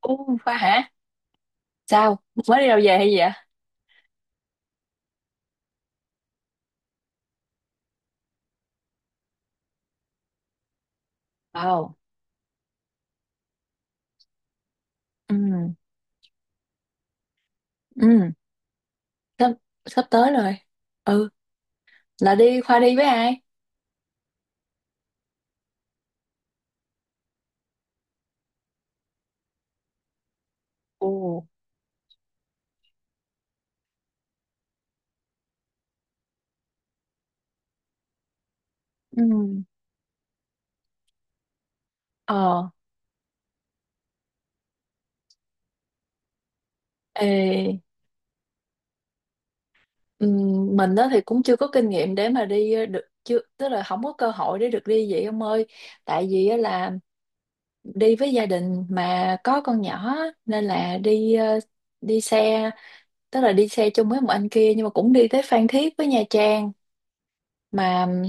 Ồ, Khoa hả? Sao? Mới đi đâu về hay gì vậy? Ồ, ừ, ừ, sắp, sắp tới rồi. Ừ, là đi, Khoa đi với ai? Ồ, ừ, ờ, ê, ừ, mình đó thì cũng chưa có kinh nghiệm để mà đi được, chưa, tức là không có cơ hội để được đi vậy ông ơi. Tại vì á là đi với gia đình mà có con nhỏ á, nên là đi xe, tức là đi xe chung với một anh kia nhưng mà cũng đi tới Phan Thiết với Nha Trang mà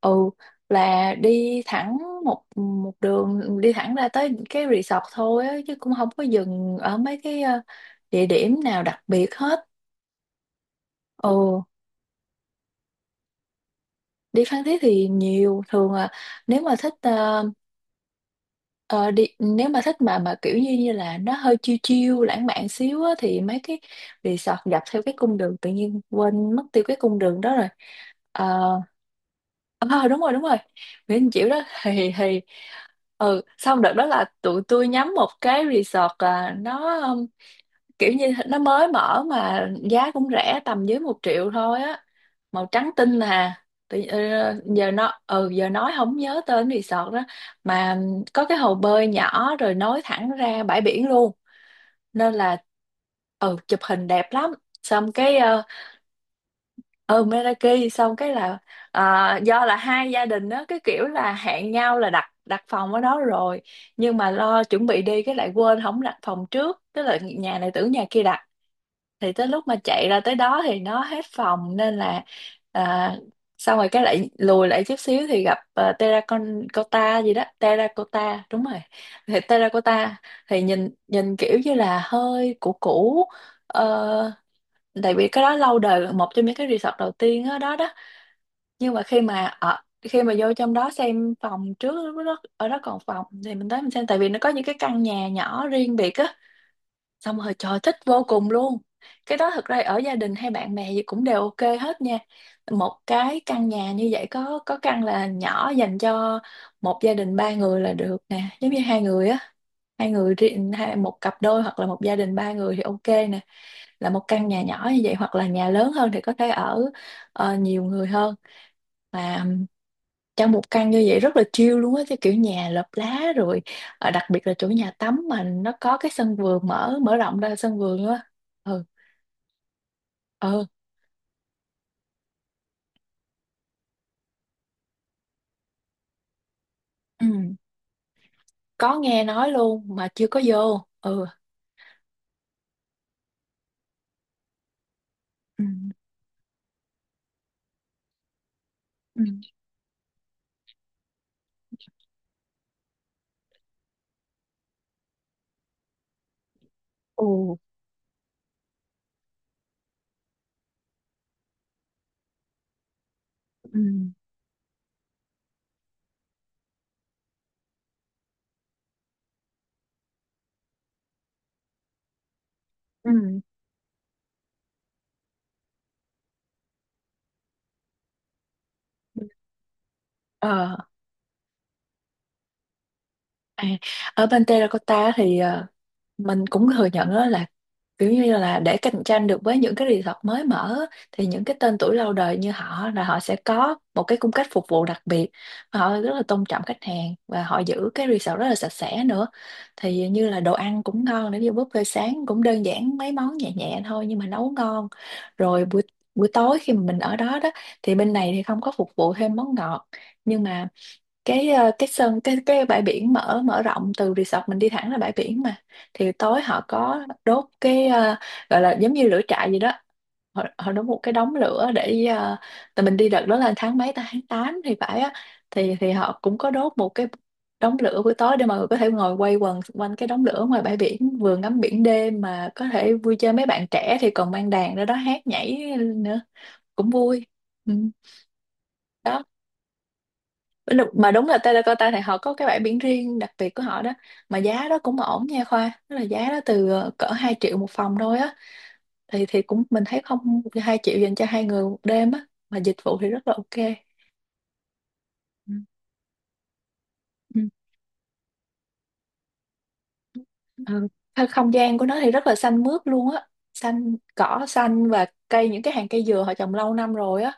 ừ là đi thẳng một một đường đi thẳng ra tới cái resort thôi á, chứ cũng không có dừng ở mấy cái địa điểm nào đặc biệt hết. Ừ, đi Phan Thiết thì nhiều, thường là nếu mà thích ờ, đi, nếu mà thích mà kiểu như như là nó hơi chill chill lãng mạn xíu á, thì mấy cái resort dọc theo cái cung đường, tự nhiên quên mất tiêu cái cung đường đó rồi. Ờ. Ờ, đúng rồi, đúng rồi. Nguyễn Anh Chiểu đó thì ừ, xong đợt đó là tụi tôi nhắm một cái resort, nó kiểu như nó mới mở mà giá cũng rẻ, tầm dưới 1 triệu thôi á, màu trắng tinh à. Tự- ờ, giờ nó ừ giờ nói không nhớ tên resort đó, mà có cái hồ bơi nhỏ rồi nối thẳng ra bãi biển luôn nên là ừ chụp hình đẹp lắm. Xong cái ừ, Meraki. Xong cái là do là hai gia đình đó cái kiểu là hẹn nhau là đặt đặt phòng ở đó rồi, nhưng mà lo chuẩn bị đi cái lại quên không đặt phòng trước, tức là nhà này tưởng nhà kia đặt, thì tới lúc mà chạy ra tới đó thì nó hết phòng, nên là à, xong rồi cái lại lùi lại chút xíu thì gặp terracotta gì đó, terracotta đúng rồi. Thì terracotta thì nhìn nhìn kiểu như là hơi cũ cũ ờ, tại vì cái đó lâu đời, là một trong những cái resort đầu tiên đó, đó đó. Nhưng mà khi mà ở, khi mà vô trong đó xem phòng trước, lúc đó ở đó còn phòng thì mình tới mình xem, tại vì nó có những cái căn nhà nhỏ riêng biệt á, xong rồi trời thích vô cùng luôn. Cái đó thực ra ở gia đình hay bạn bè gì cũng đều ok hết nha. Một cái căn nhà như vậy có căn là nhỏ, dành cho một gia đình ba người là được nè, giống như hai người á, hai người riêng, hai, một cặp đôi hoặc là một gia đình ba người thì ok nè, là một căn nhà nhỏ như vậy, hoặc là nhà lớn hơn thì có thể ở nhiều người hơn. Và trong một căn như vậy rất là chill luôn á, cái kiểu nhà lợp lá rồi đặc biệt là chỗ nhà tắm mà nó có cái sân vườn, mở mở rộng ra sân vườn á. Ừ. Ừ. Ừ. Có nghe nói luôn mà chưa có vô. Ừ. Ừ. Ừ. Ừ. Ừ. Ừ. Ờ. À, ở bên Terracotta thì mình cũng thừa nhận đó là kiểu như là để cạnh tranh được với những cái resort mới mở á, thì những cái tên tuổi lâu đời như họ là họ sẽ có một cái cung cách phục vụ đặc biệt, họ rất là tôn trọng khách hàng và họ giữ cái resort rất là sạch sẽ nữa. Thì như là đồ ăn cũng ngon, nếu như buffet sáng cũng đơn giản mấy món nhẹ nhẹ thôi nhưng mà nấu ngon. Rồi buổi buổi tối khi mà mình ở đó đó, thì bên này thì không có phục vụ thêm món ngọt, nhưng mà cái cái sân, cái bãi biển mở mở rộng, từ resort mình đi thẳng ra bãi biển mà, thì tối họ có đốt cái gọi là giống như lửa trại gì đó, họ, họ đốt một cái đống lửa để tại mình đi đợt đó là tháng mấy ta, tháng 8 thì phải á, thì họ cũng có đốt một cái đống lửa buổi tối để mọi người có thể ngồi quay quần xung quanh cái đống lửa ngoài bãi biển, vừa ngắm biển đêm mà có thể vui chơi, mấy bạn trẻ thì còn mang đàn ra đó hát nhảy nữa, cũng vui. Ừ. Đó. Mà đúng là Terracotta thì họ có cái bãi biển riêng đặc biệt của họ đó, mà giá đó cũng ổn nha Khoa, tức là giá đó từ cỡ 2 triệu một phòng thôi á, thì cũng mình thấy không, 2 triệu dành cho hai người một đêm á mà dịch vụ thì rất là ok. Ừ. Ừ. Ừ. Thôi, không gian của nó thì rất là xanh mướt luôn á, xanh cỏ xanh và cây, những cái hàng cây dừa họ trồng lâu năm rồi á,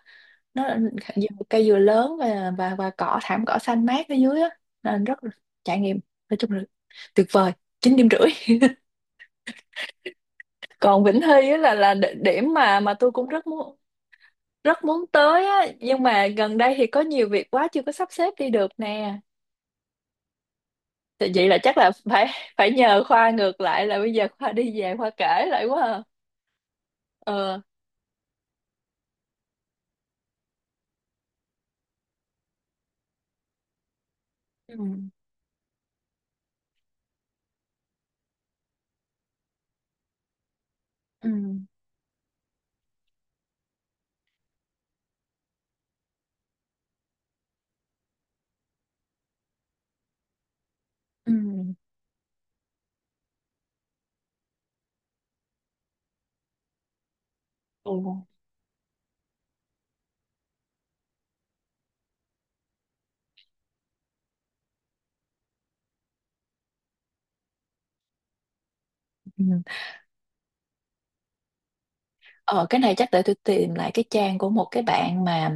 nó là cây dừa lớn, và và cỏ, thảm cỏ xanh mát ở dưới á, nên rất là trải nghiệm, nói chung là tuyệt vời, 9,5 điểm. Còn Vĩnh Hy á là địa- điểm mà tôi cũng rất muốn, rất muốn tới á, nhưng mà gần đây thì có nhiều việc quá chưa có sắp xếp đi được nè. Thì vậy là chắc là phải phải nhờ Khoa ngược lại là bây giờ Khoa đi về Khoa kể lại quá à. Ờ. Ừ. Ừ. Ừ. Ừ. Ờ, cái này chắc để tôi tìm lại cái trang của một cái bạn mà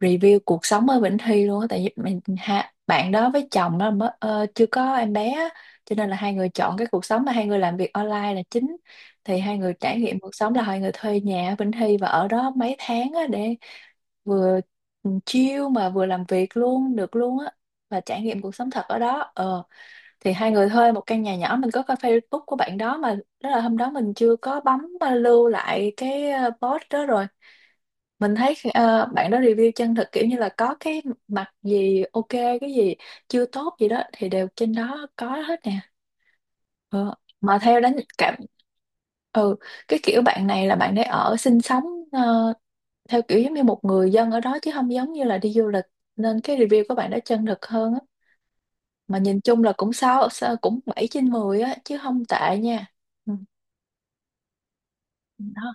review cuộc sống ở Vĩnh Thi luôn á, tại vì mình ha, bạn đó với chồng đó mới chưa có em bé á, cho nên là hai người chọn cái cuộc sống mà hai người làm việc online là chính, thì hai người trải nghiệm cuộc sống là hai người thuê nhà ở Vĩnh Thi và ở đó mấy tháng á, để vừa chill mà vừa làm việc luôn được luôn á, và trải nghiệm cuộc sống thật ở đó ờ, thì hai người thuê một căn nhà nhỏ. Mình có coi Facebook của bạn đó mà, đó là hôm đó mình chưa có bấm lưu lại cái post đó rồi. Mình thấy bạn đó review chân thực, kiểu như là có cái mặt gì ok, cái gì chưa tốt gì đó thì đều trên đó có hết nè. Ờ, mà theo đánh cảm ừ, cái kiểu bạn này là bạn để ở sinh sống ờ, theo kiểu giống như một người dân ở đó chứ không giống như là đi du lịch, nên cái review của bạn đó chân thực hơn á, mà nhìn chung là cũng sáu, sáu cũng 7/10 á, chứ không tệ nha. Ừ. Đó.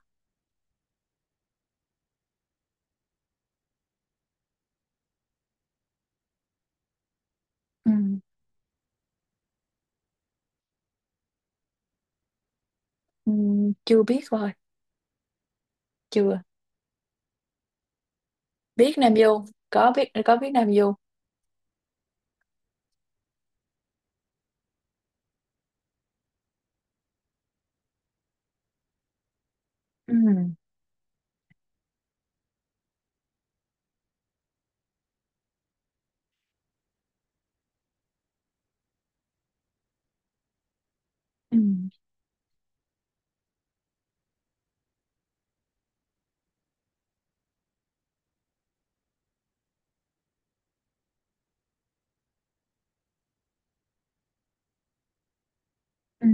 Ừ. Ừ. Chưa biết rồi. Chưa, biết Nam Du, biết có biết Nam Du. Ừ. Ừ. Ừ.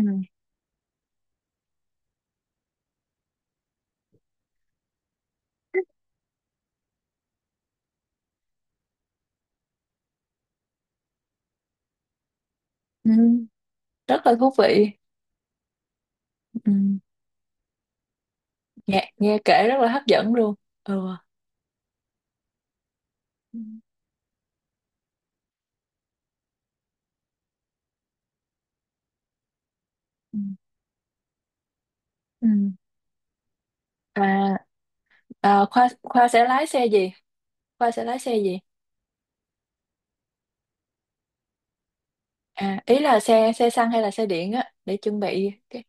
Ừ. Rất là thú vị. Ừ. nghe nghe kể rất là hấp dẫn luôn. Ừ. Ừ. Ừ. Ừ. À, Khoa Khoa sẽ lái xe gì Khoa sẽ lái xe gì à ý là xe xe xăng hay là xe điện á để chuẩn bị cái.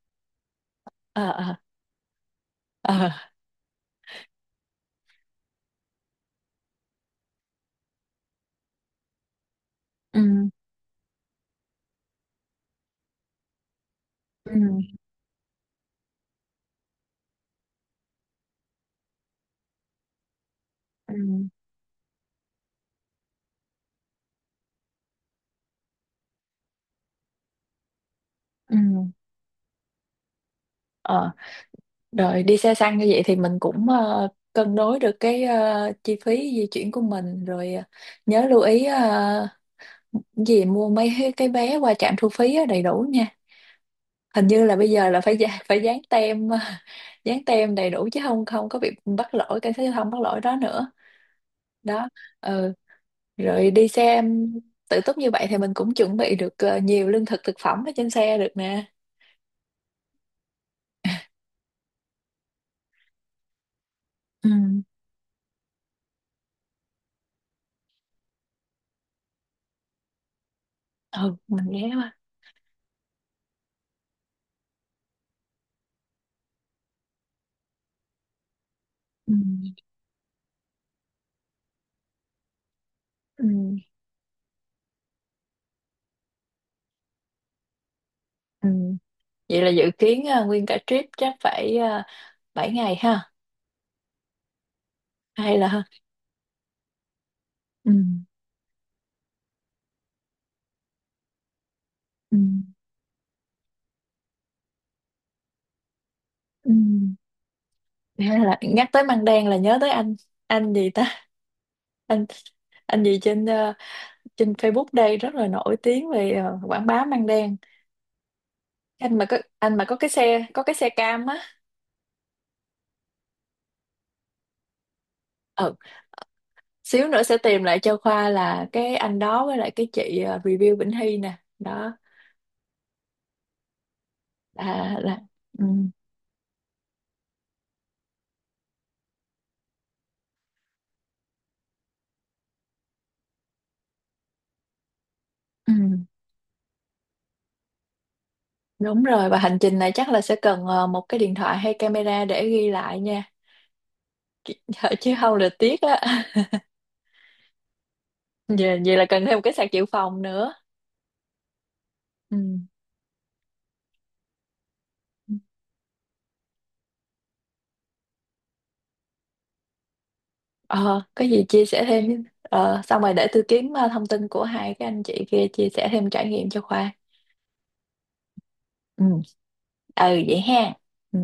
Ờ. Ờ. Ờ. Ừ. Ừ. Ừ. Ừ. Ờ, rồi đi xe xăng như vậy thì mình cũng cân đối được cái chi phí di chuyển của mình rồi, nhớ lưu ý gì mua mấy cái vé qua trạm thu phí á, đầy đủ nha. Hình như là bây giờ là phải phải dán tem dán tem đầy đủ, chứ không không có bị bắt lỗi, cảnh sát giao thông bắt lỗi đó nữa. Đó. Ừ, rồi đi xe tự túc như vậy thì mình cũng chuẩn bị được nhiều lương thực thực phẩm ở trên xe được nè. Ừ. Ừ, mình ghé qua. Ừ. Ừ. Ừ. Vậy là dự kiến nguyên cả trip chắc phải 7 ngày ha, hay là ừ, ừ, ừ. Hay là nhắc tới Măng Đen là nhớ tới anh, gì ta, anh, gì trên trên Facebook đây, rất là nổi tiếng về quảng bá Măng Đen. Anh mà có, anh mà có cái xe cam á. Ừ, xíu nữa sẽ tìm lại cho Khoa là cái anh đó với lại cái chị review Vĩnh Hy nè đó, là ừ, ừ. Đúng rồi, và hành trình này chắc là sẽ cần một cái điện thoại hay camera để ghi lại nha. Dạ, chứ không là tiếc á vậy là cần thêm một cái sạc dự phòng nữa. Ừ. Ờ, có gì chia sẻ thêm xong rồi để tôi kiếm thông tin của hai cái anh chị kia chia sẻ thêm trải nghiệm cho Khoa, ừ, ừ vậy ha. Ừ.